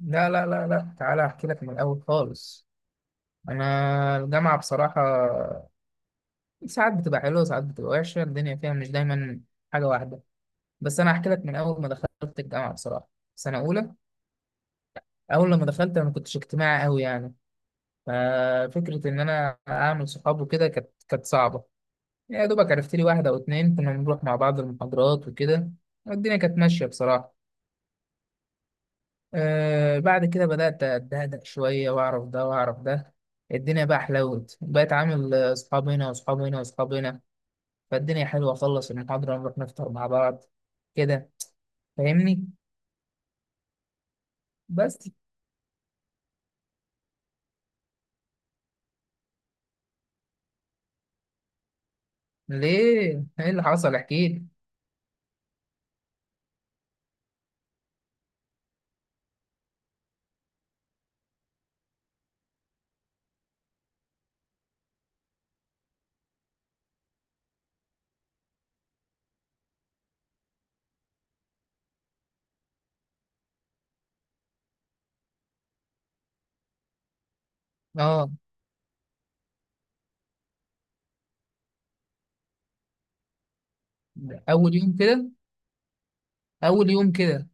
لا لا لا لا، تعالى احكي لك من الاول خالص. انا الجامعه بصراحه ساعات بتبقى حلوه، ساعات بتبقى وحشه. الدنيا فيها مش دايما حاجه واحده. بس انا احكي لك من اول ما دخلت الجامعه بصراحه. سنه اولى اول لما دخلت انا ما كنتش اجتماعي قوي يعني. ففكره ان انا اعمل صحاب وكده كانت صعبه. يا دوبك عرفت لي واحده او اتنين، كنا بنروح مع بعض المحاضرات وكده. والدنيا كانت ماشيه بصراحه. بعد كده بدأت أتهدأ شوية، وأعرف ده وأعرف ده. الدنيا بقى حلوت، بقيت عامل أصحاب هنا وأصحاب هنا وأصحاب هنا. فالدنيا حلوة، أخلص المحاضرة نروح نفطر مع بعض. كده، فاهمني؟ بس ليه؟ إيه اللي حصل؟ احكيلي. آه، أول يوم كده. أول يوم كده.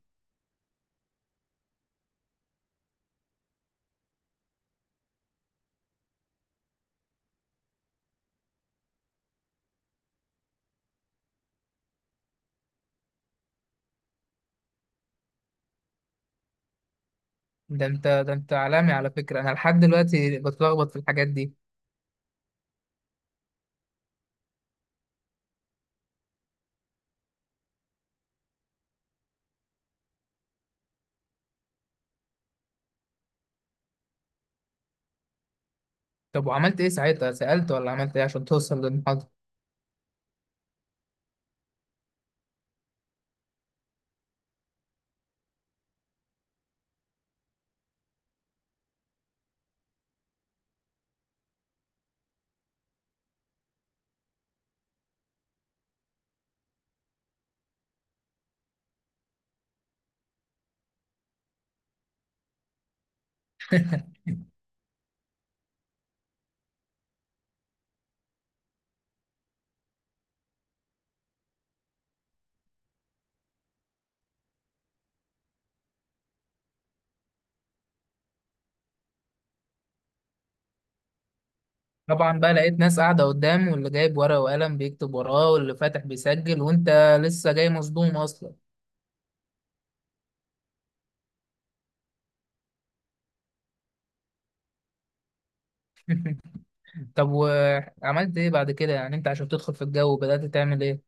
ده أنت عالمي على فكرة، أنا لحد دلوقتي بتلخبط في الحاجات دي. طب وعملت إيه ساعتها؟ سألت ولا عملت إيه عشان توصل للمحاضرة؟ طبعا بقى لقيت ناس قاعدة قدام، واللي جايب ورقة وقلم بيكتب وراه، واللي فاتح بيسجل، وانت لسه جاي مصدوم اصلا. طب وعملت ايه بعد كده؟ يعني انت عشان تدخل في الجو بدأت تعمل ايه؟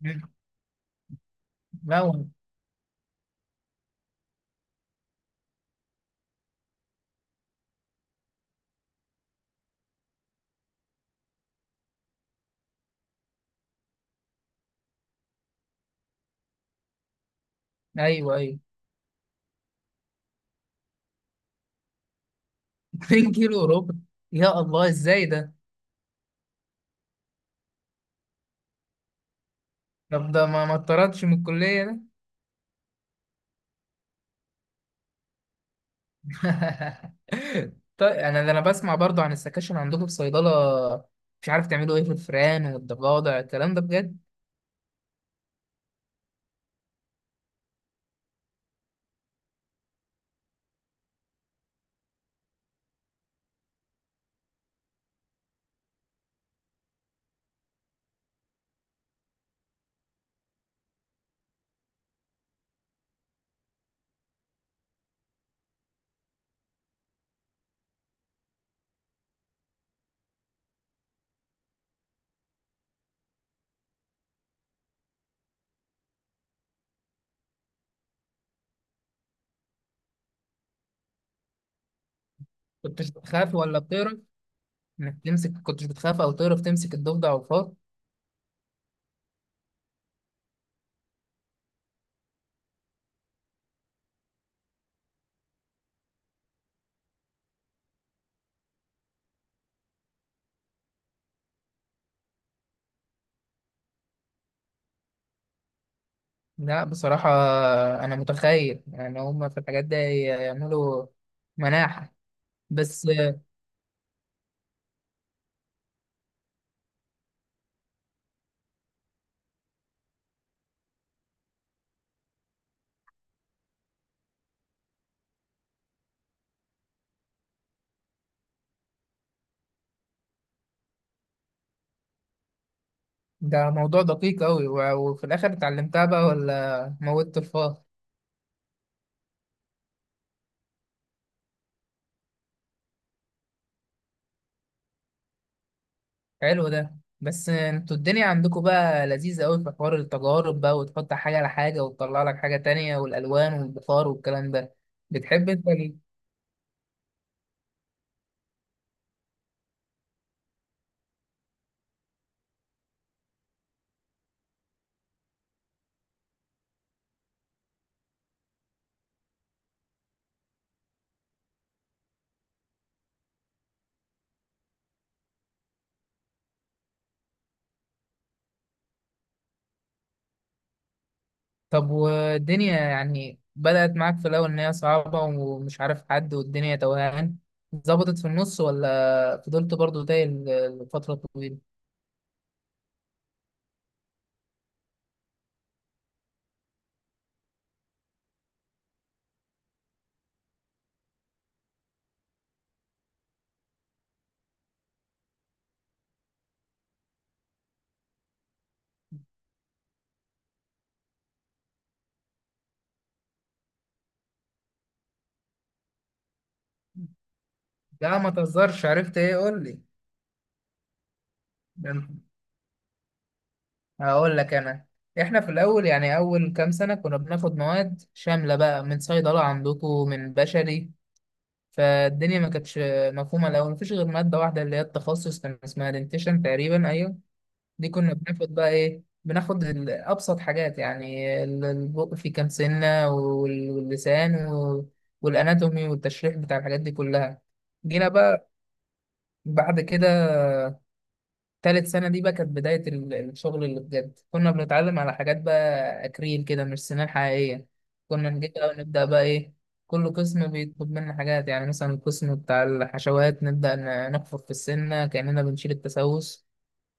مم. لا. ايوه، ايوه. 2 كيلو وربع! يا الله ازاي ده؟ طب ده ما اتطردش من الكلية ده؟ طيب، انا ده انا بسمع برضو عن السكاشن عندكم في صيدلة. مش عارف تعملوا ايه في الفئران والضفادع الكلام ده بجد؟ كنت بتخاف ولا بتهرب؟ انك تمسك، كنتش بتخاف او تعرف تمسك الضفدع والفار؟ لا بصراحة، انا متخيل يعني هما في الحاجات دي يعملوا مناحة. بس ده موضوع دقيق قوي. وفي الاخر اتعلمتها بقى ولا موتت الفار؟ حلو ده. بس انتوا الدنيا عندكم بقى لذيذة قوي في حوار التجارب بقى، وتحط حاجة على حاجة وتطلع لك حاجة تانية، والالوان والبخار والكلام ده. بتحب انت؟ طب والدنيا يعني بدأت معاك في الأول إن هي صعبة، ومش عارف حد، والدنيا توهان. ظبطت في النص ولا فضلت برضو تايه لفترة طويلة؟ لا ما تهزرش، عرفت إيه؟ قول لي. نعم. هقول لك أنا. إحنا في الأول يعني أول كام سنة كنا بناخد مواد شاملة بقى من صيدلة عندكم من بشري. فالدنيا ما كانتش مفهومة الأول. مفيش غير مادة واحدة اللي هي التخصص، كان اسمها دنتيشن تقريبا، أيوه. دي كنا بناخد بقى ايه، بناخد ابسط حاجات، يعني البق في كام سنه، واللسان والاناتومي والتشريح بتاع الحاجات دي كلها. جينا بقى بعد كده، تالت سنه دي بقى كانت بدايه الشغل اللي بجد. كنا بنتعلم على حاجات بقى اكريل كده، مش سنان حقيقيه. كنا نجي بقى ونبدا بقى ايه، كل قسم بيطلب منا حاجات. يعني مثلا القسم بتاع الحشوات، نبدا نحفر في السنه كاننا بنشيل التسوس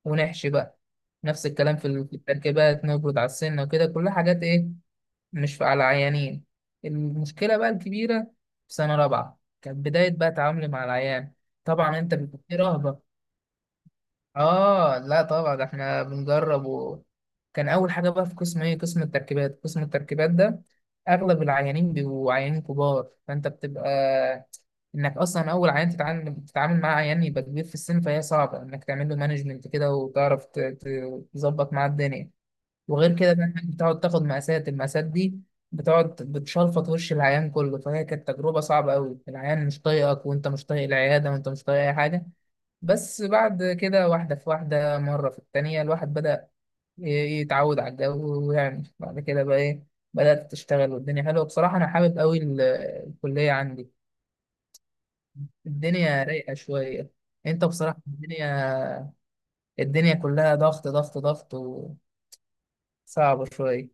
ونحشي بقى. نفس الكلام في في التركيبات، نبرد على السنة وكده، كلها حاجات ايه، مش على عيانين. المشكلة بقى الكبيرة في سنة رابعة كانت بداية بقى تعاملي مع العيان. طبعا انت بيبقى في رهبة. اه لا طبعا احنا بنجرب. وكان اول حاجه بقى في قسم ايه، قسم التركيبات. قسم التركيبات ده اغلب العيانين بيبقوا عيانين كبار، فانت بتبقى انك اصلا اول عيان بتتعامل مع عيان يبقى كبير في السن، فهي صعبه انك تعمل له مانجمنت كده، وتعرف تظبط معاه الدنيا. وغير كده بقى انك بتقعد تاخد مقاسات. المقاسات دي بتقعد بتشلفط وش العيان كله، فهي كانت تجربه صعبه قوي، العيان مش طايقك، وانت مش طايق العياده، وانت مش طايق اي حاجه. بس بعد كده واحدة في واحدة، مرة في التانية، الواحد بدأ ي- يتعود على الجو، ويعمل بعد كده بقى إيه، بدأت تشتغل، والدنيا حلوة. بصراحة أنا حابب أوي الكلية عندي. الدنيا رايقة شوية. أنت بصراحة الدنيا كلها ضغط ضغط ضغط، وصعبة شوية.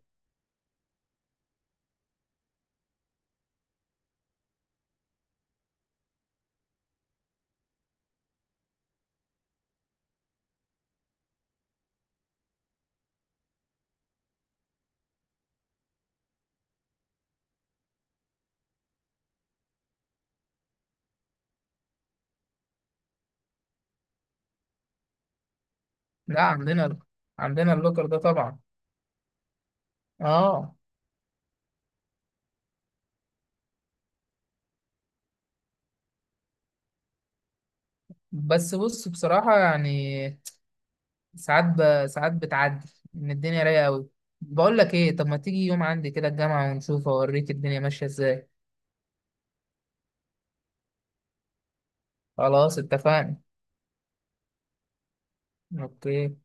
لا عندنا اللوكر ده طبعا. آه. بس بص بصراحة يعني، ساعات ساعات بتعدي ان الدنيا رايقه قوي. بقول لك ايه، طب ما تيجي يوم عندي كده الجامعه ونشوف، اوريك الدنيا ماشيه ازاي. خلاص اتفقنا. اوكي.